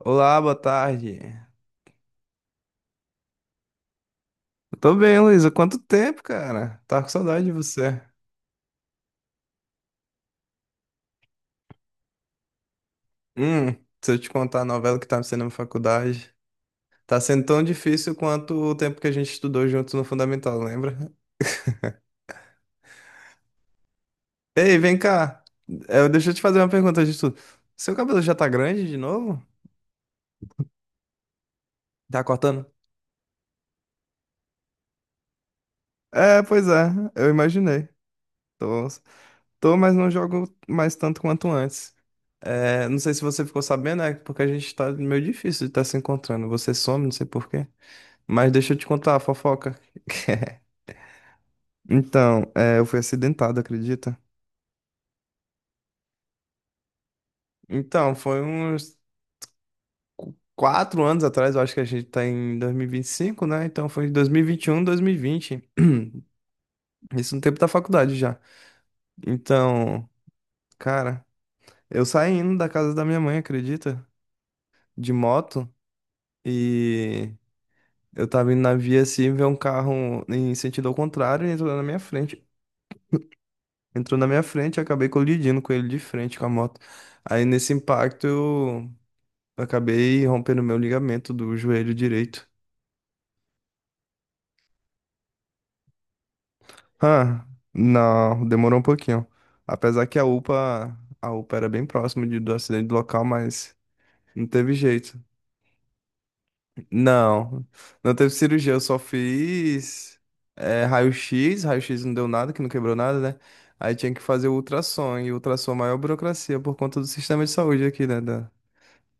Olá, boa tarde. Eu tô bem, Luísa. Quanto tempo, cara? Tava com saudade de você. Hum, se eu te contar a novela que tá me sendo na faculdade, tá sendo tão difícil quanto o tempo que a gente estudou juntos no Fundamental, lembra? Ei, vem cá. Deixa eu te fazer uma pergunta de tudo. Seu cabelo já tá grande de novo? Tá cortando? É, pois é, eu imaginei. Tô, tô, mas não jogo mais tanto quanto antes. É, não sei se você ficou sabendo, é porque a gente tá meio difícil de estar se encontrando. Você some, não sei por quê. Mas deixa eu te contar a fofoca. Então, eu fui acidentado, acredita? Então, foi uns 4 anos atrás, eu acho que a gente tá em dois mil e vinte e cinco, né? Então foi dois mil e vinte e um, 2020. Isso no tempo da faculdade já. Então, cara, eu saindo da casa da minha mãe, acredita? De moto. E eu tava indo na via assim, ver um carro em sentido ao contrário e entrou na minha frente. E acabei colidindo com ele de frente com a moto. Aí nesse impacto eu acabei rompendo meu ligamento do joelho direito. Ah, não, demorou um pouquinho. Apesar que a UPA era bem próximo do acidente do local, mas não teve jeito. Não, não teve cirurgia, eu só fiz raio-x, raio-x não deu nada, que não quebrou nada, né? Aí tinha que fazer o ultrassom, e o ultrassom é a maior burocracia por conta do sistema de saúde aqui, né?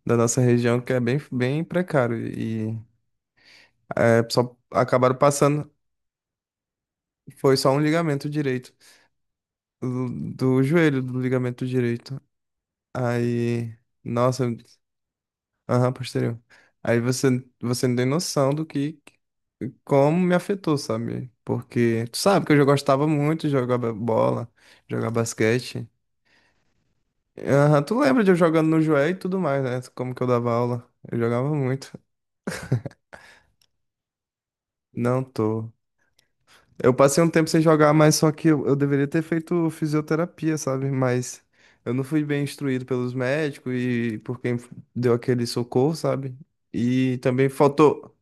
Da nossa região que é bem, bem precário e só acabaram passando, foi só um ligamento direito do joelho do ligamento direito. Aí, nossa, aham, posterior. Aí você não tem noção do que como me afetou, sabe? Porque tu sabe que eu já gostava muito de jogar bola, jogar basquete. Aham, tu lembra de eu jogando no joelho e tudo mais, né? Como que eu dava aula? Eu jogava muito. Não tô. Eu passei um tempo sem jogar, mas só que eu deveria ter feito fisioterapia, sabe? Mas eu não fui bem instruído pelos médicos e por quem deu aquele socorro, sabe? E também faltou.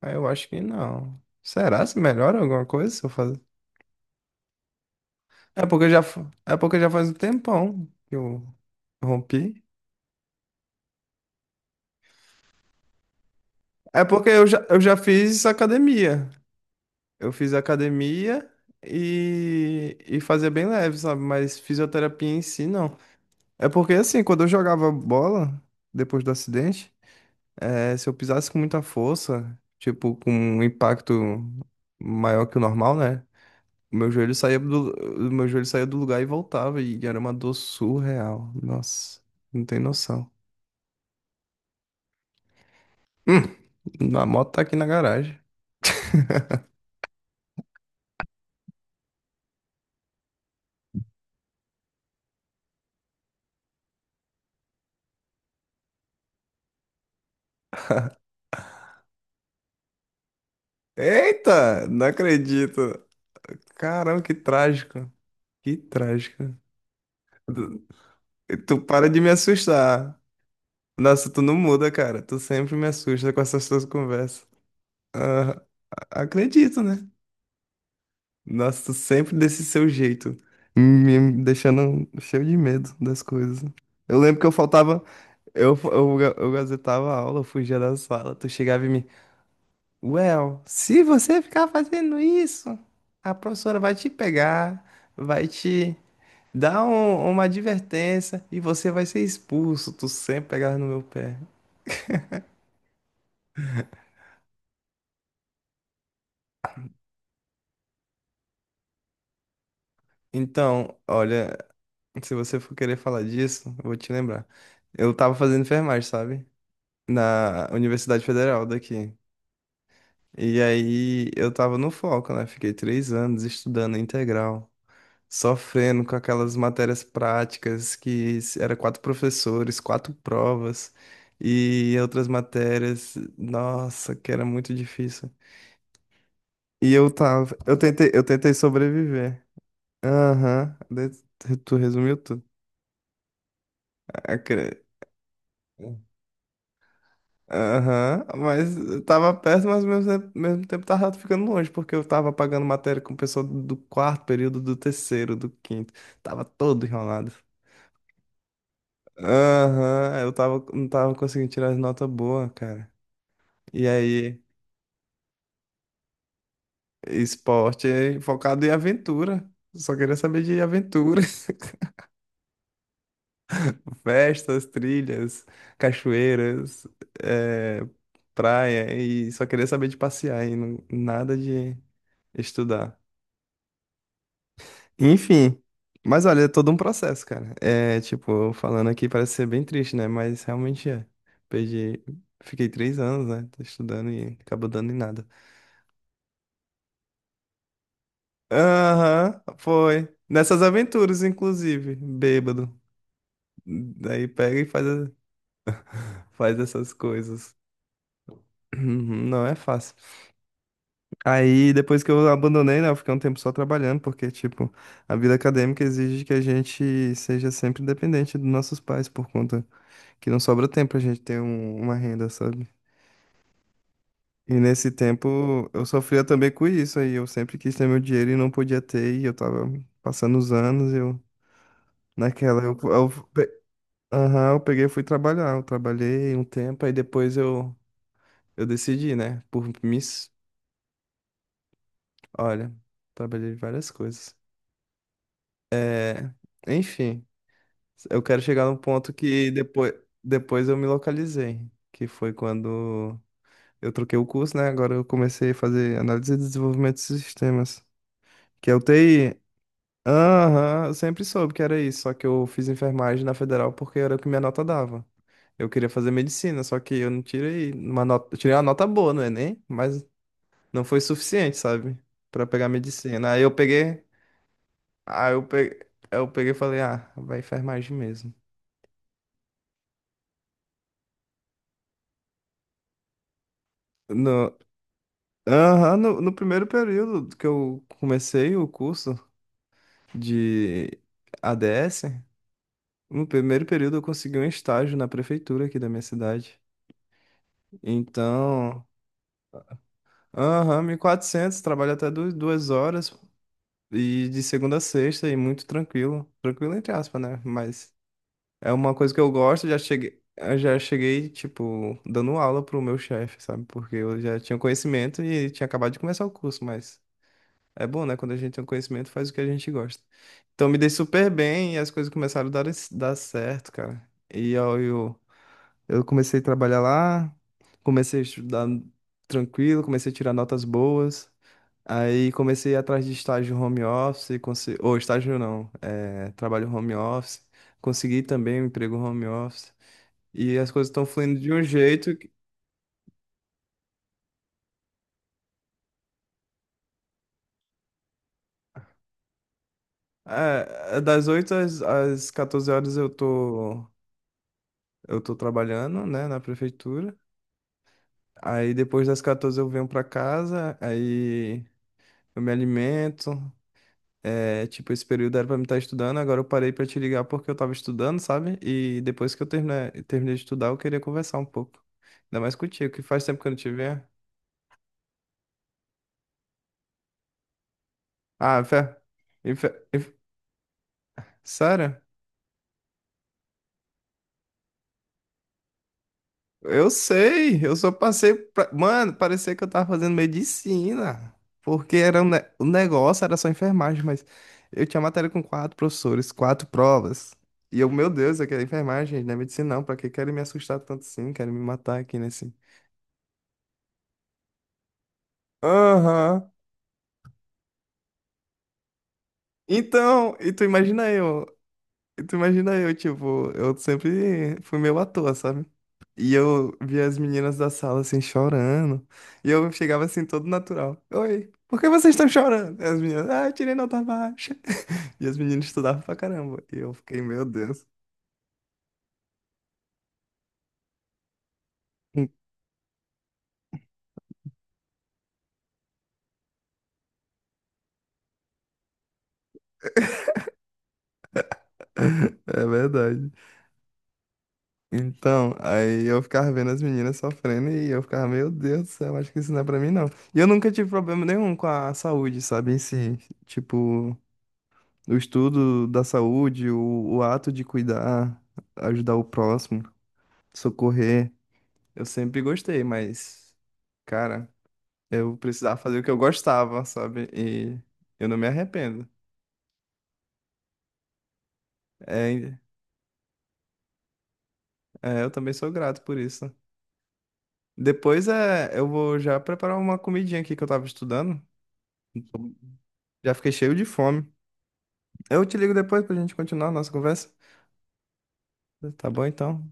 Ah, eu acho que não. Será se melhora alguma coisa se eu fazer? É porque eu já, fa- é porque já faz um tempão que eu rompi. É porque eu já fiz academia. Eu fiz academia e fazia bem leve, sabe? Mas fisioterapia em si, não. É porque assim, quando eu jogava bola, depois do acidente, se eu pisasse com muita força, tipo, com um impacto maior que o normal, né? O meu joelho saía do lugar e voltava, e era uma dor surreal. Nossa, não tem noção. Hum, a moto tá aqui na garagem. Eita, não acredito. Caramba, que trágico. Que trágico. Tu, tu para de me assustar. Nossa, tu não muda, cara. Tu sempre me assusta com essas tuas conversas. Ah, acredito, né? Nossa, tu sempre desse seu jeito, me deixando cheio de medo das coisas. Eu lembro que eu faltava, eu gazetava a aula, eu fugia da sala, tu chegava em mim, Well, se você ficar fazendo isso, a professora vai te pegar, vai te dar uma advertência e você vai ser expulso. Tu sempre pegava no meu pé. Então, olha, se você for querer falar disso, eu vou te lembrar. Eu tava fazendo enfermagem, sabe? Na Universidade Federal daqui. E aí eu tava no foco, né? Fiquei 3 anos estudando integral, sofrendo com aquelas matérias práticas que era quatro professores, quatro provas e outras matérias, nossa, que era muito difícil. Eu tentei sobreviver. Aham, tu resumiu tudo. Ah, aham, mas tava perto, mas ao mesmo tempo tava ficando longe, porque eu tava pagando matéria com o pessoal do quarto período, do terceiro, do quinto. Tava todo enrolado. Aham, não tava conseguindo tirar as notas boas, cara. E aí, esporte é focado em aventura. Só queria saber de aventura. Festas, trilhas, cachoeiras, eh, praia, e só queria saber de passear e nada de estudar. Enfim. Mas olha, é todo um processo, cara. É, tipo, falando aqui parece ser bem triste, né? Mas realmente é. Perdi. Fiquei 3 anos, né? Tô estudando e acabou dando em nada. Aham, foi. Nessas aventuras, inclusive. Bêbado. Daí pega e faz essas coisas. Uhum. Não é fácil. Aí, depois que eu abandonei, né? Eu fiquei um tempo só trabalhando, porque, tipo, a vida acadêmica exige que a gente seja sempre dependente dos nossos pais por conta que não sobra tempo pra gente ter uma renda, sabe? E nesse tempo eu sofria também com isso aí. Eu sempre quis ter meu dinheiro e não podia ter, e eu tava passando os anos, eu naquela aham, eu peguei e fui trabalhar. Eu trabalhei um tempo, aí depois eu decidi, né? Por mis... Olha, trabalhei em várias coisas. É, enfim, eu quero chegar num ponto que depois eu me localizei, que foi quando eu troquei o curso, né? Agora eu comecei a fazer análise e desenvolvimento de sistemas, que é o TI. Aham, eu sempre soube que era isso, só que eu fiz enfermagem na federal porque era o que minha nota dava. Eu queria fazer medicina, só que eu não tirei uma nota, eu tirei uma nota boa no Enem, mas não foi suficiente, sabe? Pra pegar medicina. Aí eu peguei e falei, ah, vai enfermagem mesmo. No, aham, no primeiro período que eu comecei o curso de ADS. No primeiro período eu consegui um estágio na prefeitura aqui da minha cidade. Então, aham, 1.400, trabalho até 2 horas e de segunda a sexta e muito tranquilo. Tranquilo entre aspas, né? Mas é uma coisa que eu gosto, eu já cheguei, tipo, dando aula pro meu chefe, sabe? Porque eu já tinha conhecimento e tinha acabado de começar o curso, mas é bom, né? Quando a gente tem um conhecimento, faz o que a gente gosta. Então me dei super bem e as coisas começaram a dar certo, cara. E eu, eu Eu comecei a trabalhar lá, comecei a estudar tranquilo, comecei a tirar notas boas. Aí comecei a ir atrás de estágio home office, ou estágio não, trabalho home office. Consegui também um emprego home office. E as coisas estão fluindo de um jeito que, das 8 às 14 horas eu tô, trabalhando, né, na prefeitura. Aí depois das 14 eu venho pra casa, aí eu me alimento, é, tipo, esse período era pra me estar estudando, agora eu parei pra te ligar porque eu tava estudando, sabe? E depois que eu terminei de estudar, eu queria conversar um pouco. Ainda mais contigo, que faz tempo que eu não te vejo. Ah, fé. E fé- e fé- Sério? Eu sei, eu só passei pra... Mano, parecia que eu tava fazendo medicina. Porque era o negócio era só enfermagem, mas eu tinha matéria com quatro professores, quatro provas. E eu, meu Deus, eu quero enfermagem, não é medicina não. Pra que querem me assustar tanto assim? Querem me matar aqui nesse... Aham. Então, e tu imagina eu, tipo, eu sempre fui meio à toa, sabe? E eu via as meninas da sala assim chorando, e eu chegava assim todo natural. Oi, por que vocês estão chorando? E as meninas, ah, eu tirei nota baixa. E as meninas estudavam pra caramba. E eu fiquei, meu Deus. É verdade. Então, aí eu ficava vendo as meninas sofrendo e eu ficava, meu Deus do céu, acho que isso não é pra mim, não. E eu nunca tive problema nenhum com a saúde, sabe, em si. Tipo. O estudo da saúde, o ato de cuidar, ajudar o próximo, socorrer. Eu sempre gostei, mas, cara, eu precisava fazer o que eu gostava, sabe? E eu não me arrependo. É, eu também sou grato por isso. Depois eu vou já preparar uma comidinha aqui que eu tava estudando. Já fiquei cheio de fome. Eu te ligo depois pra gente continuar a nossa conversa. Tá bom, então.